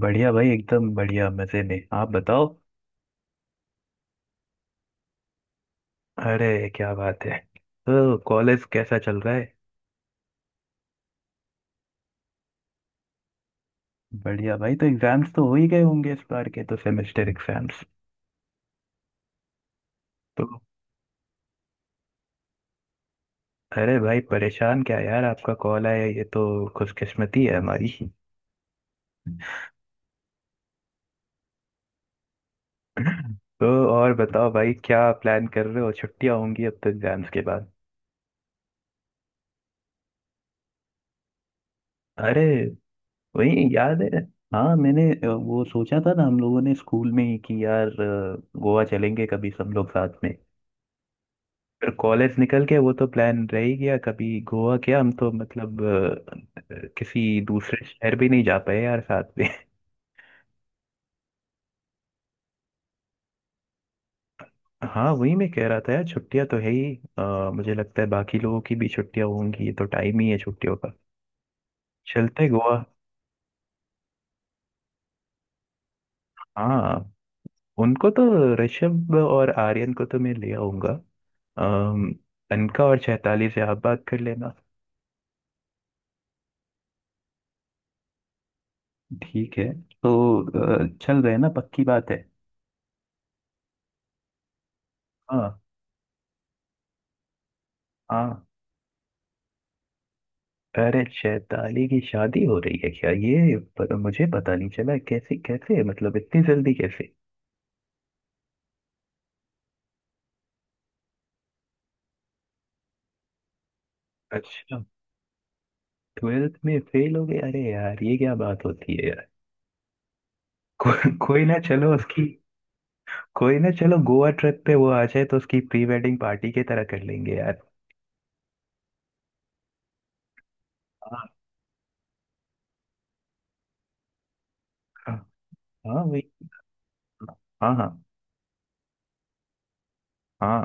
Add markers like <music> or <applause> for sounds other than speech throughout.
बढ़िया भाई एकदम बढ़िया मजे में। आप बताओ। अरे क्या बात है। तो कॉलेज कैसा चल रहा है? बढ़िया भाई। तो एग्जाम्स तो हो ही गए होंगे इस बार के, तो सेमेस्टर एग्जाम्स। तो अरे भाई परेशान क्या यार, आपका कॉल आया ये तो खुशकिस्मती है हमारी। <laughs> तो और बताओ भाई, क्या प्लान कर रहे हो? छुट्टियां होंगी अब तो एग्जाम्स के बाद। अरे वही याद है। हाँ मैंने वो सोचा था ना हम लोगों ने स्कूल में ही कि यार गोवा चलेंगे कभी सब लोग साथ में। फिर कॉलेज निकल के वो तो प्लान रह ही गया, कभी गोवा क्या, हम तो मतलब किसी दूसरे शहर भी नहीं जा पाए यार साथ में। <laughs> हाँ वही मैं कह रहा था यार, छुट्टियां तो है ही। मुझे लगता है बाकी लोगों की भी छुट्टियां होंगी, ये तो टाइम ही है छुट्टियों का। चलते गोवा। हाँ उनको तो, ऋषभ और आर्यन को तो मैं ले आऊंगा। अम, अनका और चैताली से आप बात कर लेना। ठीक है। तो चल रहे हैं ना, पक्की बात है। हाँ हाँ। अरे शैताली की शादी हो रही है क्या? ये पर मुझे पता नहीं चला, कैसे कैसे मतलब इतनी जल्दी कैसे? अच्छा। ट्वेल्थ में फेल हो गए? अरे यार ये क्या बात होती है यार। को, कोई ना चलो उसकी, कोई ना चलो गोवा ट्रिप पे वो आ जाए तो उसकी प्री वेडिंग पार्टी की तरह कर लेंगे यार। हाँ हाँ हाँ, वही। हाँ हाँ हाँ।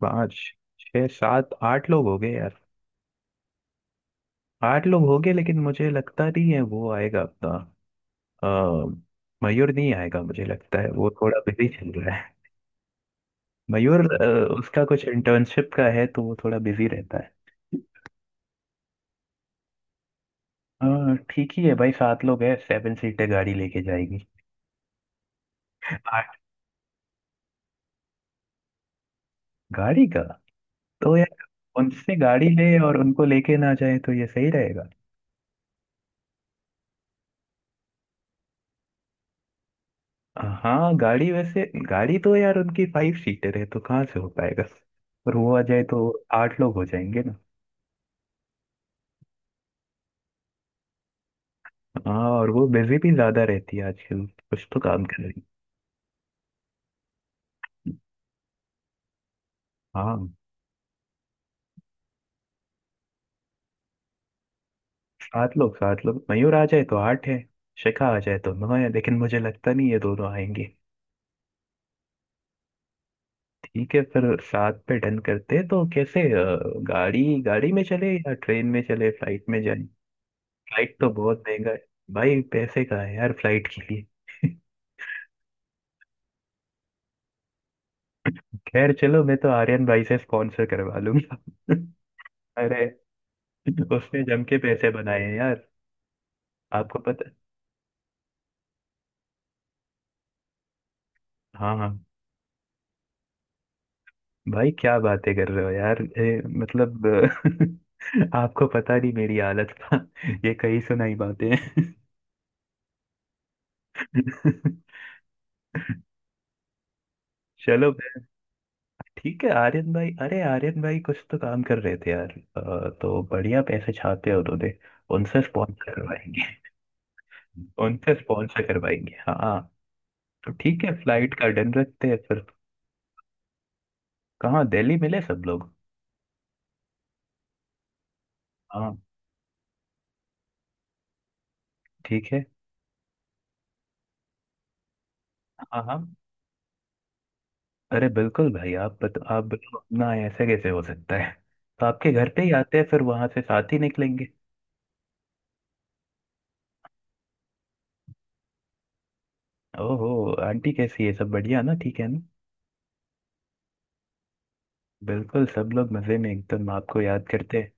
पाँच छः सात आठ लोग हो गए यार। आठ लोग हो गए लेकिन मुझे लगता नहीं है वो आएगा अपना। अ, मयूर नहीं आएगा, मुझे लगता है वो थोड़ा बिजी चल रहा है। मयूर उसका कुछ इंटर्नशिप का है तो वो थोड़ा बिजी रहता है। हाँ ठीक ही है भाई, सात लोग हैं, सेवन सीटर गाड़ी लेके जाएगी। आठ। गाड़ी का। तो यार उनसे गाड़ी ले और उनको लेके ना जाए तो ये सही रहेगा। हाँ गाड़ी वैसे, गाड़ी तो यार उनकी फाइव सीटर है तो कहाँ से हो पाएगा? और वो आ जाए तो आठ लोग हो जाएंगे ना। हाँ और वो बिजी भी ज्यादा रहती है आजकल, कुछ तो काम कर रही है। हाँ सात लोग, सात लोग। मयूर आ जाए तो आठ है, शिखा आ जाए तो नौ है, लेकिन मुझे लगता नहीं ये दोनों आएंगे। ठीक है, फिर सात पे डन करते हैं। तो कैसे, गाड़ी गाड़ी में चले या ट्रेन में चले, फ्लाइट में जाए? फ्लाइट तो बहुत महंगा है। भाई पैसे कहाँ है यार फ्लाइट के लिए। <laughs> खैर चलो, मैं तो आर्यन भाई से स्पॉन्सर करवा लूंगा। <laughs> अरे उसने जम के पैसे बनाए हैं यार, आपको पता। हाँ हाँ। भाई क्या बातें कर रहे हो यार, मतलब <laughs> आपको पता नहीं मेरी हालत का, ये कहीं सुनाई बातें। <laughs> चलो भाई, ठीक है। आर्यन भाई, अरे आर्यन भाई कुछ तो काम कर रहे थे यार, तो बढ़िया पैसे छापे हैं उन्होंने। उनसे स्पॉन्सर करवाएंगे। <laughs> उनसे स्पॉन्सर करवाएंगे, हाँ हाँ। तो ठीक है, फ्लाइट का डन रखते हैं फिर। कहाँ, दिल्ली मिले सब लोग? हाँ ठीक है। हाँ हाँ अरे बिल्कुल भाई। आप बिल्कुल ना, ऐसे कैसे हो सकता है? तो आपके घर पे ही आते हैं, फिर वहां से साथ ही निकलेंगे। ओहो, आंटी कैसी है, सब बढ़िया ना, ठीक है ना? बिल्कुल, सब लोग मजे में एकदम, आपको याद करते हैं।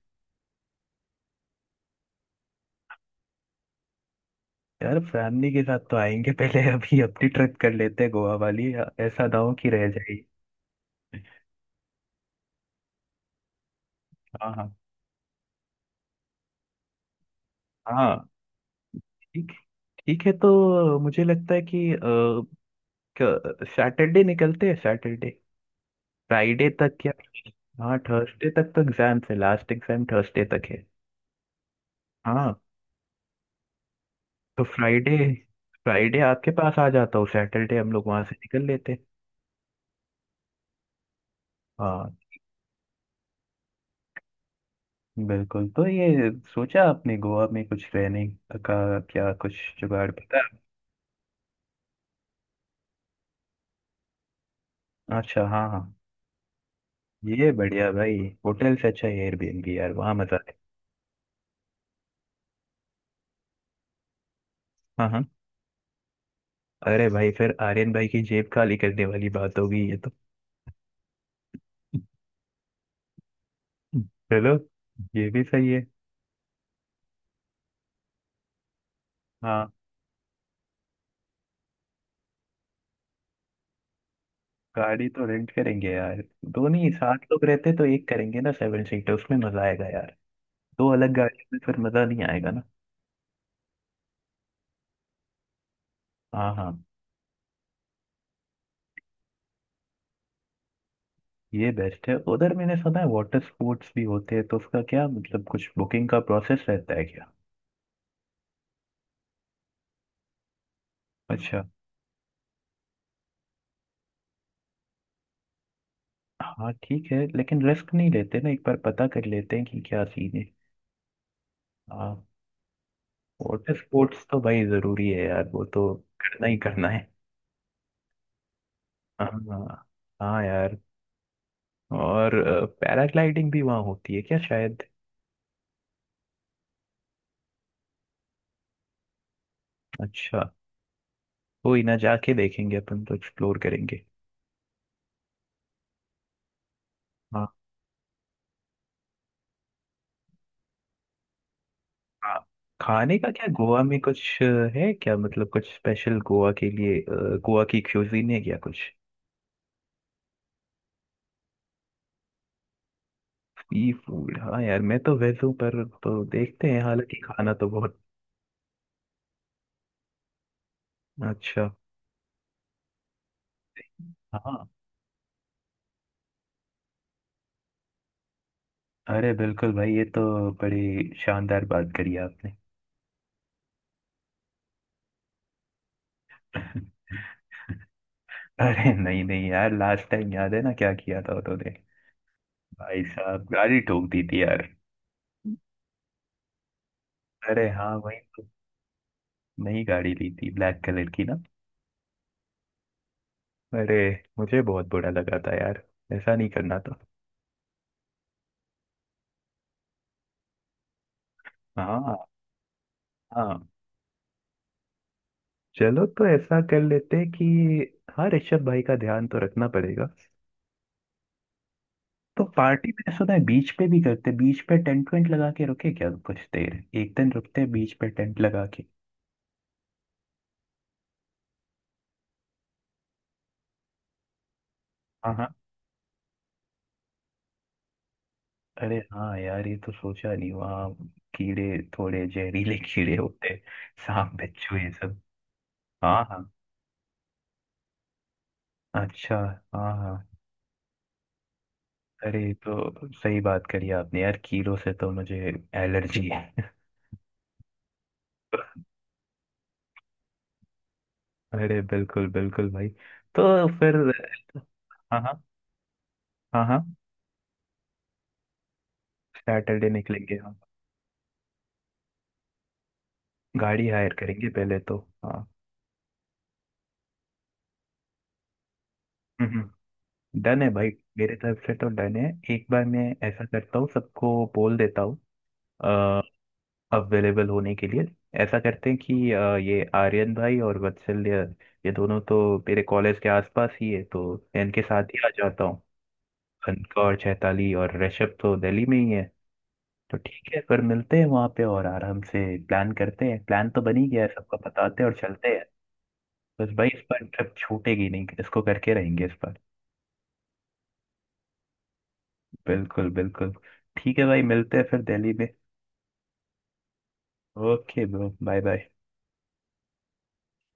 यार फैमिली के साथ तो आएंगे, पहले अभी अपनी ट्रिप कर लेते हैं गोवा वाली, ऐसा ना हो कि रह जाए। हाँ हाँ हाँ। ठीक, ठीक है। तो मुझे लगता है कि सैटरडे निकलते हैं, सैटरडे, फ्राइडे तक या। हाँ थर्सडे तक तो एग्जाम्स है, लास्ट एग्जाम थर्सडे तक है। हाँ तो फ्राइडे, फ्राइडे आपके पास आ जाता हूँ, सैटरडे हम लोग वहां से निकल लेते। हाँ बिल्कुल। तो ये सोचा आपने गोवा में कुछ रहने का, क्या कुछ जुगाड़ पता है? अच्छा हाँ हाँ। ये बढ़िया भाई, होटल से अच्छा एयरबीएनबी यार, वहाँ मजा है। हाँ हाँ। अरे भाई फिर आर्यन भाई की जेब खाली करने वाली बात होगी ये तो। चलो, ये भी सही है। हाँ। गाड़ी तो रेंट करेंगे यार, दोनों ही। सात लोग रहते तो एक करेंगे ना सेवन सीटर, उसमें मजा आएगा यार। दो अलग गाड़ियों में फिर मजा नहीं आएगा ना। हाँ हाँ। ये बेस्ट है। उधर मैंने सुना है वाटर स्पोर्ट्स भी होते हैं, तो उसका क्या मतलब, कुछ बुकिंग का प्रोसेस रहता है क्या? अच्छा हाँ ठीक है, लेकिन रिस्क नहीं लेते ना, एक बार पता कर लेते हैं कि क्या सीन है। हाँ। वाटर स्पोर्ट्स तो भाई जरूरी है यार, वो तो करना ही करना है। हाँ हाँ यार। और पैराग्लाइडिंग भी वहाँ होती है क्या शायद? अच्छा, कोई ना, जाके देखेंगे अपन, तो एक्सप्लोर करेंगे। हाँ, हाँ, खाने का क्या, गोवा में कुछ है क्या, मतलब कुछ स्पेशल गोवा के लिए, गोवा की क्यूजीन है क्या कुछ? सी फूड, हाँ यार मैं तो वेज हूँ पर, तो देखते हैं, हालांकि खाना तो बहुत अच्छा। हाँ। अरे बिल्कुल भाई, ये तो बड़ी शानदार बात करी आपने। <laughs> अरे नहीं नहीं यार, लास्ट टाइम याद है ना क्या किया था उन्होंने। भाई साहब गाड़ी ठोक दी थी यार। अरे हाँ वही तो। नई गाड़ी ली थी ब्लैक कलर की ना। अरे, मुझे बहुत बुरा लगा था यार, ऐसा नहीं करना था। हाँ हाँ। चलो तो ऐसा कर लेते हैं कि, हाँ ऋषभ भाई का ध्यान तो रखना पड़ेगा। तो पार्टी मैंने सुना है बीच पे भी करते, बीच पे टेंट वेंट लगा के रुके क्या कुछ देर, एक दिन रुकते हैं बीच पे टेंट लगा के। हाँ हाँ। अरे हाँ यार ये तो सोचा नहीं, वहाँ कीड़े, थोड़े जहरीले कीड़े होते हैं, सांप बिच्छू ये सब। हाँ हाँ। अच्छा हाँ हाँ। अरे ये तो सही बात करी आपने यार, कीड़ों से तो मुझे एलर्जी है। <laughs> अरे बिल्कुल बिल्कुल भाई। तो फिर, हाँ हाँ हाँ हाँ, सैटरडे निकलेंगे हम, गाड़ी हायर करेंगे पहले तो। हाँ हम्म हम्म। डन है भाई, मेरे तरफ से तो डन है। एक बार मैं ऐसा करता हूँ, सबको बोल देता हूँ अवेलेबल होने के लिए। ऐसा करते हैं कि ये आर्यन भाई और वत्सल, ये दोनों तो मेरे कॉलेज के आसपास ही है तो मैं इनके साथ ही आ जाता हूँ। कनकौर चैताली और ऋषभ तो दिल्ली में ही है। तो ठीक है, फिर मिलते हैं वहां पे और आराम से प्लान करते हैं। प्लान तो बन ही गया है, सबको बताते हैं और चलते हैं। बस भाई इस बार ट्रिप छूटेगी नहीं, इसको करके रहेंगे इस बार। बिल्कुल बिल्कुल। ठीक है भाई, मिलते हैं फिर दिल्ली में। Okay bro, bye bye.